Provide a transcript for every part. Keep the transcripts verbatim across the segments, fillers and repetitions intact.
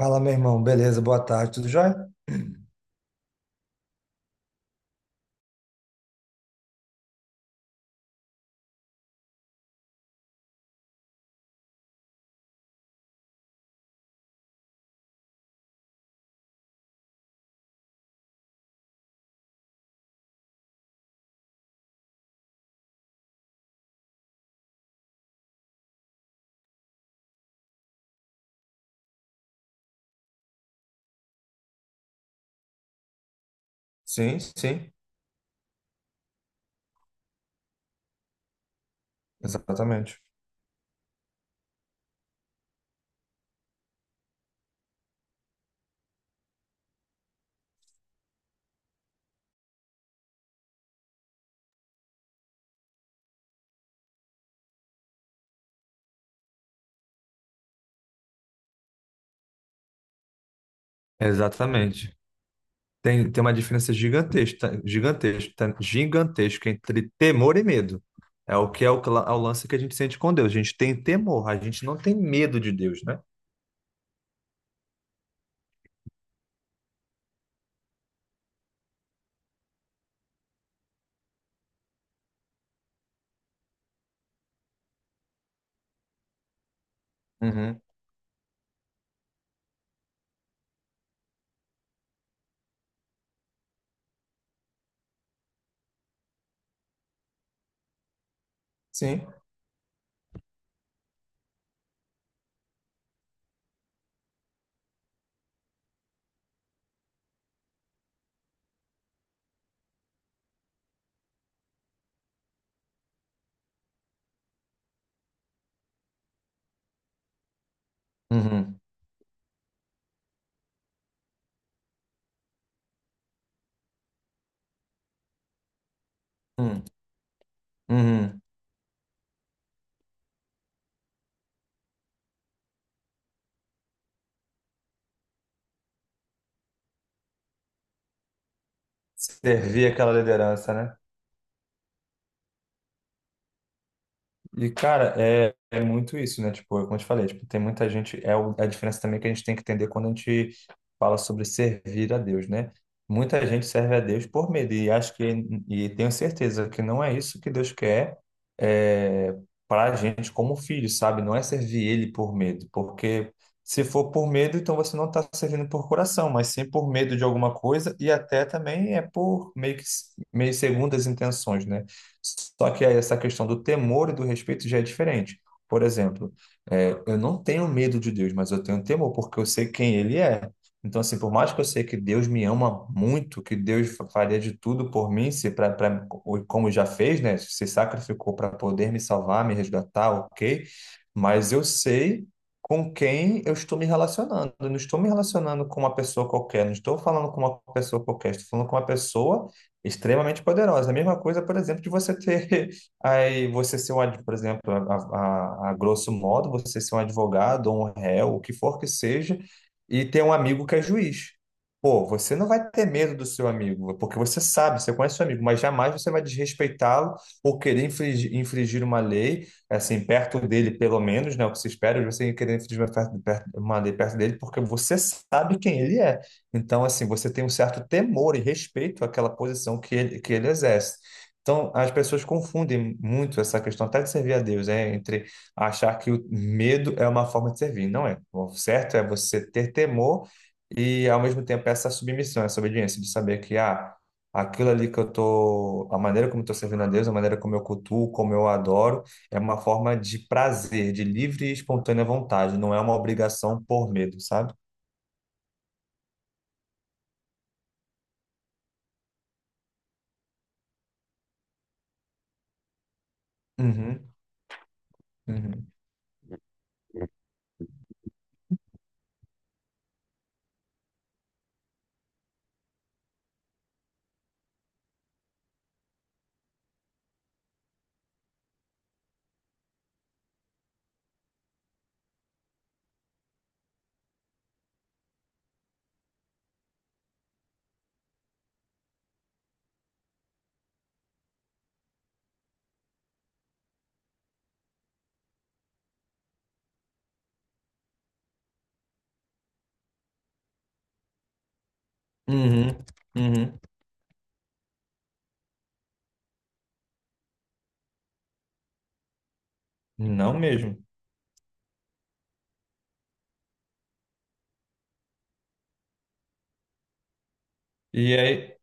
Fala, meu irmão. Beleza, boa tarde, tudo jóia? Sim, sim, exatamente. Exatamente. Tem, tem uma diferença gigantesca, gigantesca, gigantesca entre temor e medo. É o que é o, cla- é o lance que a gente sente com Deus. A gente tem temor, a gente não tem medo de Deus, né? Uhum, sim. Uhum, uhum, uhum. Servir aquela liderança. E, cara, é, é muito isso, né? Tipo, como eu te falei, tipo, tem muita gente. É o- é a diferença também que a gente tem que entender quando a gente fala sobre servir a Deus, né? Muita gente serve a Deus por medo, e acho que, e tenho certeza que não é isso que Deus quer é, para a gente como filho, sabe? Não é servir Ele por medo, porque se for por medo, então você não está servindo por coração, mas sim por medo de alguma coisa, e até também é por meio que meio segundas intenções, né? Só que aí essa questão do temor e do respeito já é diferente. Por exemplo, é, eu não tenho medo de Deus, mas eu tenho temor porque eu sei quem Ele é. Então, assim, por mais que eu sei que Deus me ama muito, que Deus fa- faria de tudo por mim, se pra, pra, como já fez, né? Se sacrificou para poder me salvar, me resgatar, ok? Mas eu sei com quem eu estou me relacionando. Eu não estou me relacionando com uma pessoa qualquer, não estou falando com uma pessoa qualquer, estou falando com uma pessoa extremamente poderosa. A mesma coisa, por exemplo, de você ter aí você ser um, ad- por exemplo, a, a, a grosso modo, você ser um advogado ou um réu, o que for que seja, e ter um amigo que é juiz. Pô, você não vai ter medo do seu amigo, porque você sabe, você conhece seu amigo, mas jamais você vai desrespeitá-lo ou querer infringir, infringir uma lei, assim, perto dele, pelo menos, né? O que se espera é de você querer infringir uma, perto- perto- uma lei perto dele, porque você sabe quem ele é. Então, assim, você tem um certo temor e respeito àquela posição que ele, que ele exerce. Então, as pessoas confundem muito essa questão até de servir a Deus, é, entre achar que o medo é uma forma de servir. Não é. O certo é você ter temor e, ao mesmo tempo, essa submissão, essa obediência, de saber que, ah, aquilo ali que eu tô, a maneira como eu tô servindo a Deus, a maneira como eu cultuo, como eu adoro, é uma forma de prazer, de livre e espontânea vontade, não é uma obrigação por medo, sabe? Uhum, uhum. Uhum, uhum. Não mesmo. E aí,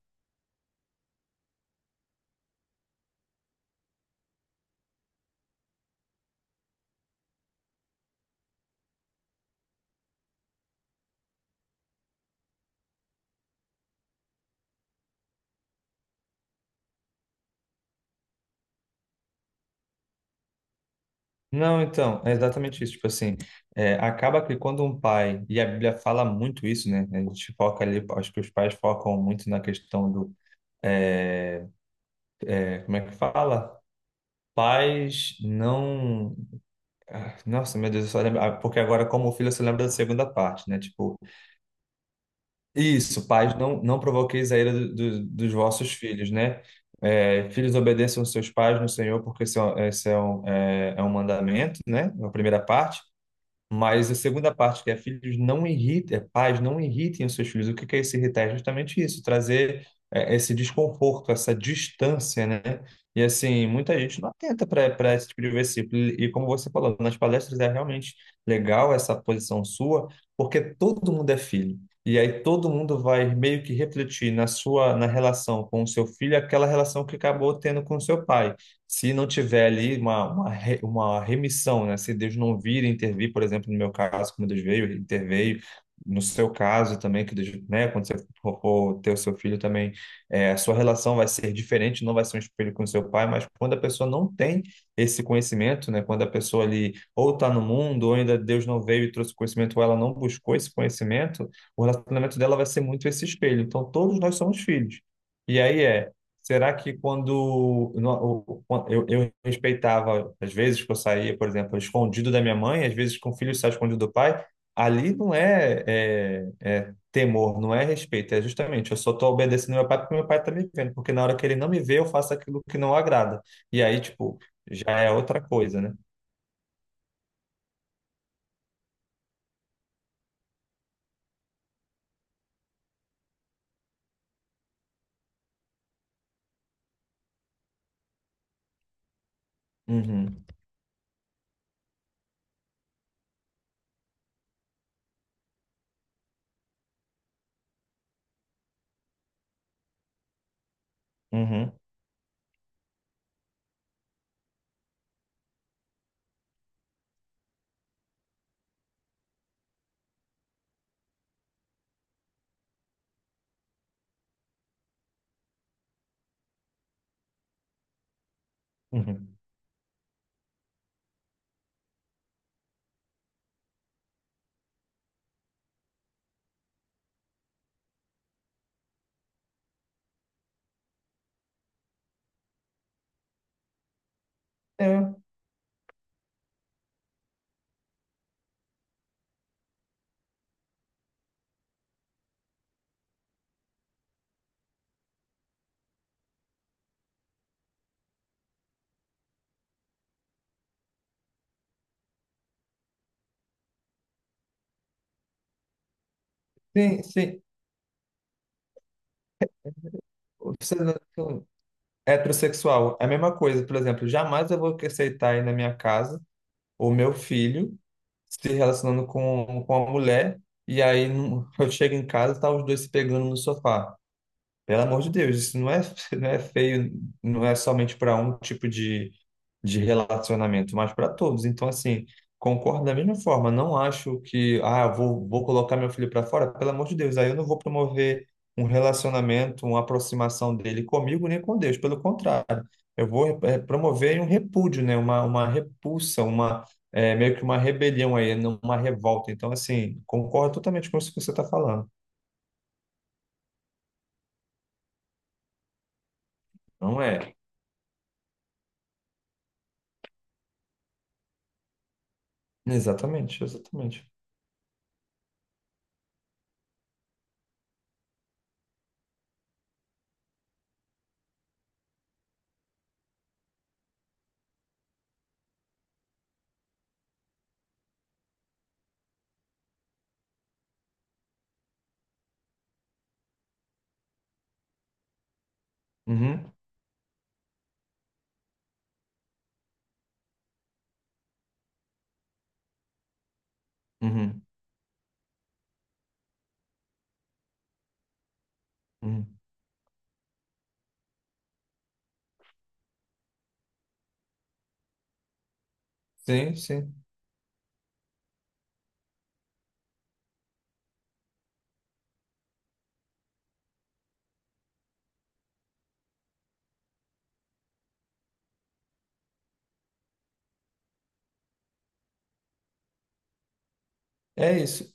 não, então, é exatamente isso. Tipo assim, é, acaba que quando um pai, e a Bíblia fala muito isso, né? A gente foca ali, acho que os pais focam muito na questão do, é, como é que fala? Pais não. Ah, nossa, meu Deus, eu só lembro. Ah, porque agora, como filho, você lembra da segunda parte, né? Tipo, isso, pais, não, não provoqueis a ira do- do- dos vossos filhos, né? É, filhos, obedeçam aos seus pais no Senhor, porque esse é, um, esse é um, é, é um mandamento, né? É a primeira parte. Mas a segunda parte, que é filhos não irritem, é, pais não irritem os seus filhos. O que que é esse irritar? É justamente isso, trazer é, esse desconforto, essa distância, né? E assim, muita gente não atenta para esse tipo de versículo. E como você falou, nas palestras é realmente legal essa posição sua, porque todo mundo é filho. E aí todo mundo vai meio que refletir na sua na relação com o seu filho aquela relação que acabou tendo com o seu pai se não tiver ali uma, uma, re- uma remissão, né? Se Deus não vir e intervir, por exemplo, no meu caso, como Deus veio, interveio, no seu caso também, que Deus, né? Quando você for, for ter o seu filho também, é, a sua relação vai ser diferente, não vai ser um espelho com o seu pai, mas quando a pessoa não tem esse conhecimento, né? Quando a pessoa ali ou está no mundo, ou ainda Deus não veio e trouxe conhecimento, ou ela não buscou esse conhecimento, o relacionamento dela vai ser muito esse espelho. Então, todos nós somos filhos. E aí é. Será que quando no- o- eu, eu respeitava, às vezes que eu saía, por exemplo, escondido da minha mãe, às vezes que um filho sai escondido do pai, ali não é, é, é temor, não é respeito, é justamente eu só estou obedecendo meu pai porque meu pai está me vendo, porque na hora que ele não me vê, eu faço aquilo que não agrada. E aí, tipo, já é outra coisa, né? Uhum, uhum, uhum. É, sim, sim. Você... Heterossexual, é a mesma coisa. Por exemplo, jamais eu vou aceitar ir na minha casa o meu filho se relacionando com, com a mulher, e aí não- eu chego em casa e tá os dois se pegando no sofá. Pelo amor de Deus, isso não é, não é feio, não é somente para um tipo de, de relacionamento, mas para todos. Então, assim, concordo da mesma forma. Não acho que, ah, eu vou, vou colocar meu filho para fora, pelo amor de Deus, aí eu não vou promover um relacionamento, uma aproximação dele comigo nem com Deus. Pelo contrário, eu vou eh, promover um repúdio, né? Uma, uma repulsa, uma, eh, meio que uma rebelião aí, uma revolta. Então, assim, concordo totalmente com isso que você está falando. Não é? Exatamente, exatamente. Uhum, uhum, uhum. Sim, sim. É isso.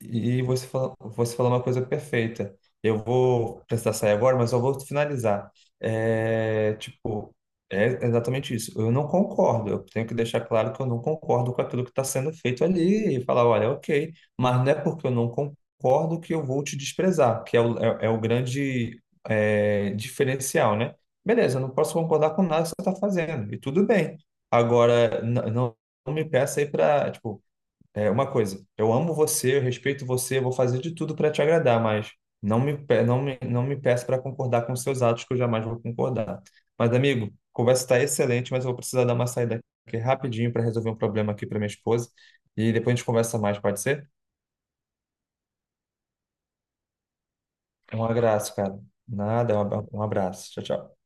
E você falou, você falou uma coisa perfeita. Eu vou precisar sair agora, mas eu vou finalizar. É, tipo, é exatamente isso. Eu não concordo. Eu tenho que deixar claro que eu não concordo com aquilo que está sendo feito ali e falar, olha, ok, mas não é porque eu não concordo que eu vou te desprezar, que é o, é, é o grande é, diferencial, né? Beleza, eu não posso concordar com nada que você está fazendo, e tudo bem. Agora, n- não não me peça aí para, é uma coisa, eu amo você, eu respeito você, eu vou fazer de tudo para te agradar, mas não me, pe- não me, não me peça para concordar com seus atos, que eu jamais vou concordar. Mas, amigo, a conversa está excelente, mas eu vou precisar dar uma saída aqui rapidinho para resolver um problema aqui para minha esposa. E depois a gente conversa mais, pode ser? Um abraço, cara. Nada, um abra- um abraço. Tchau, tchau.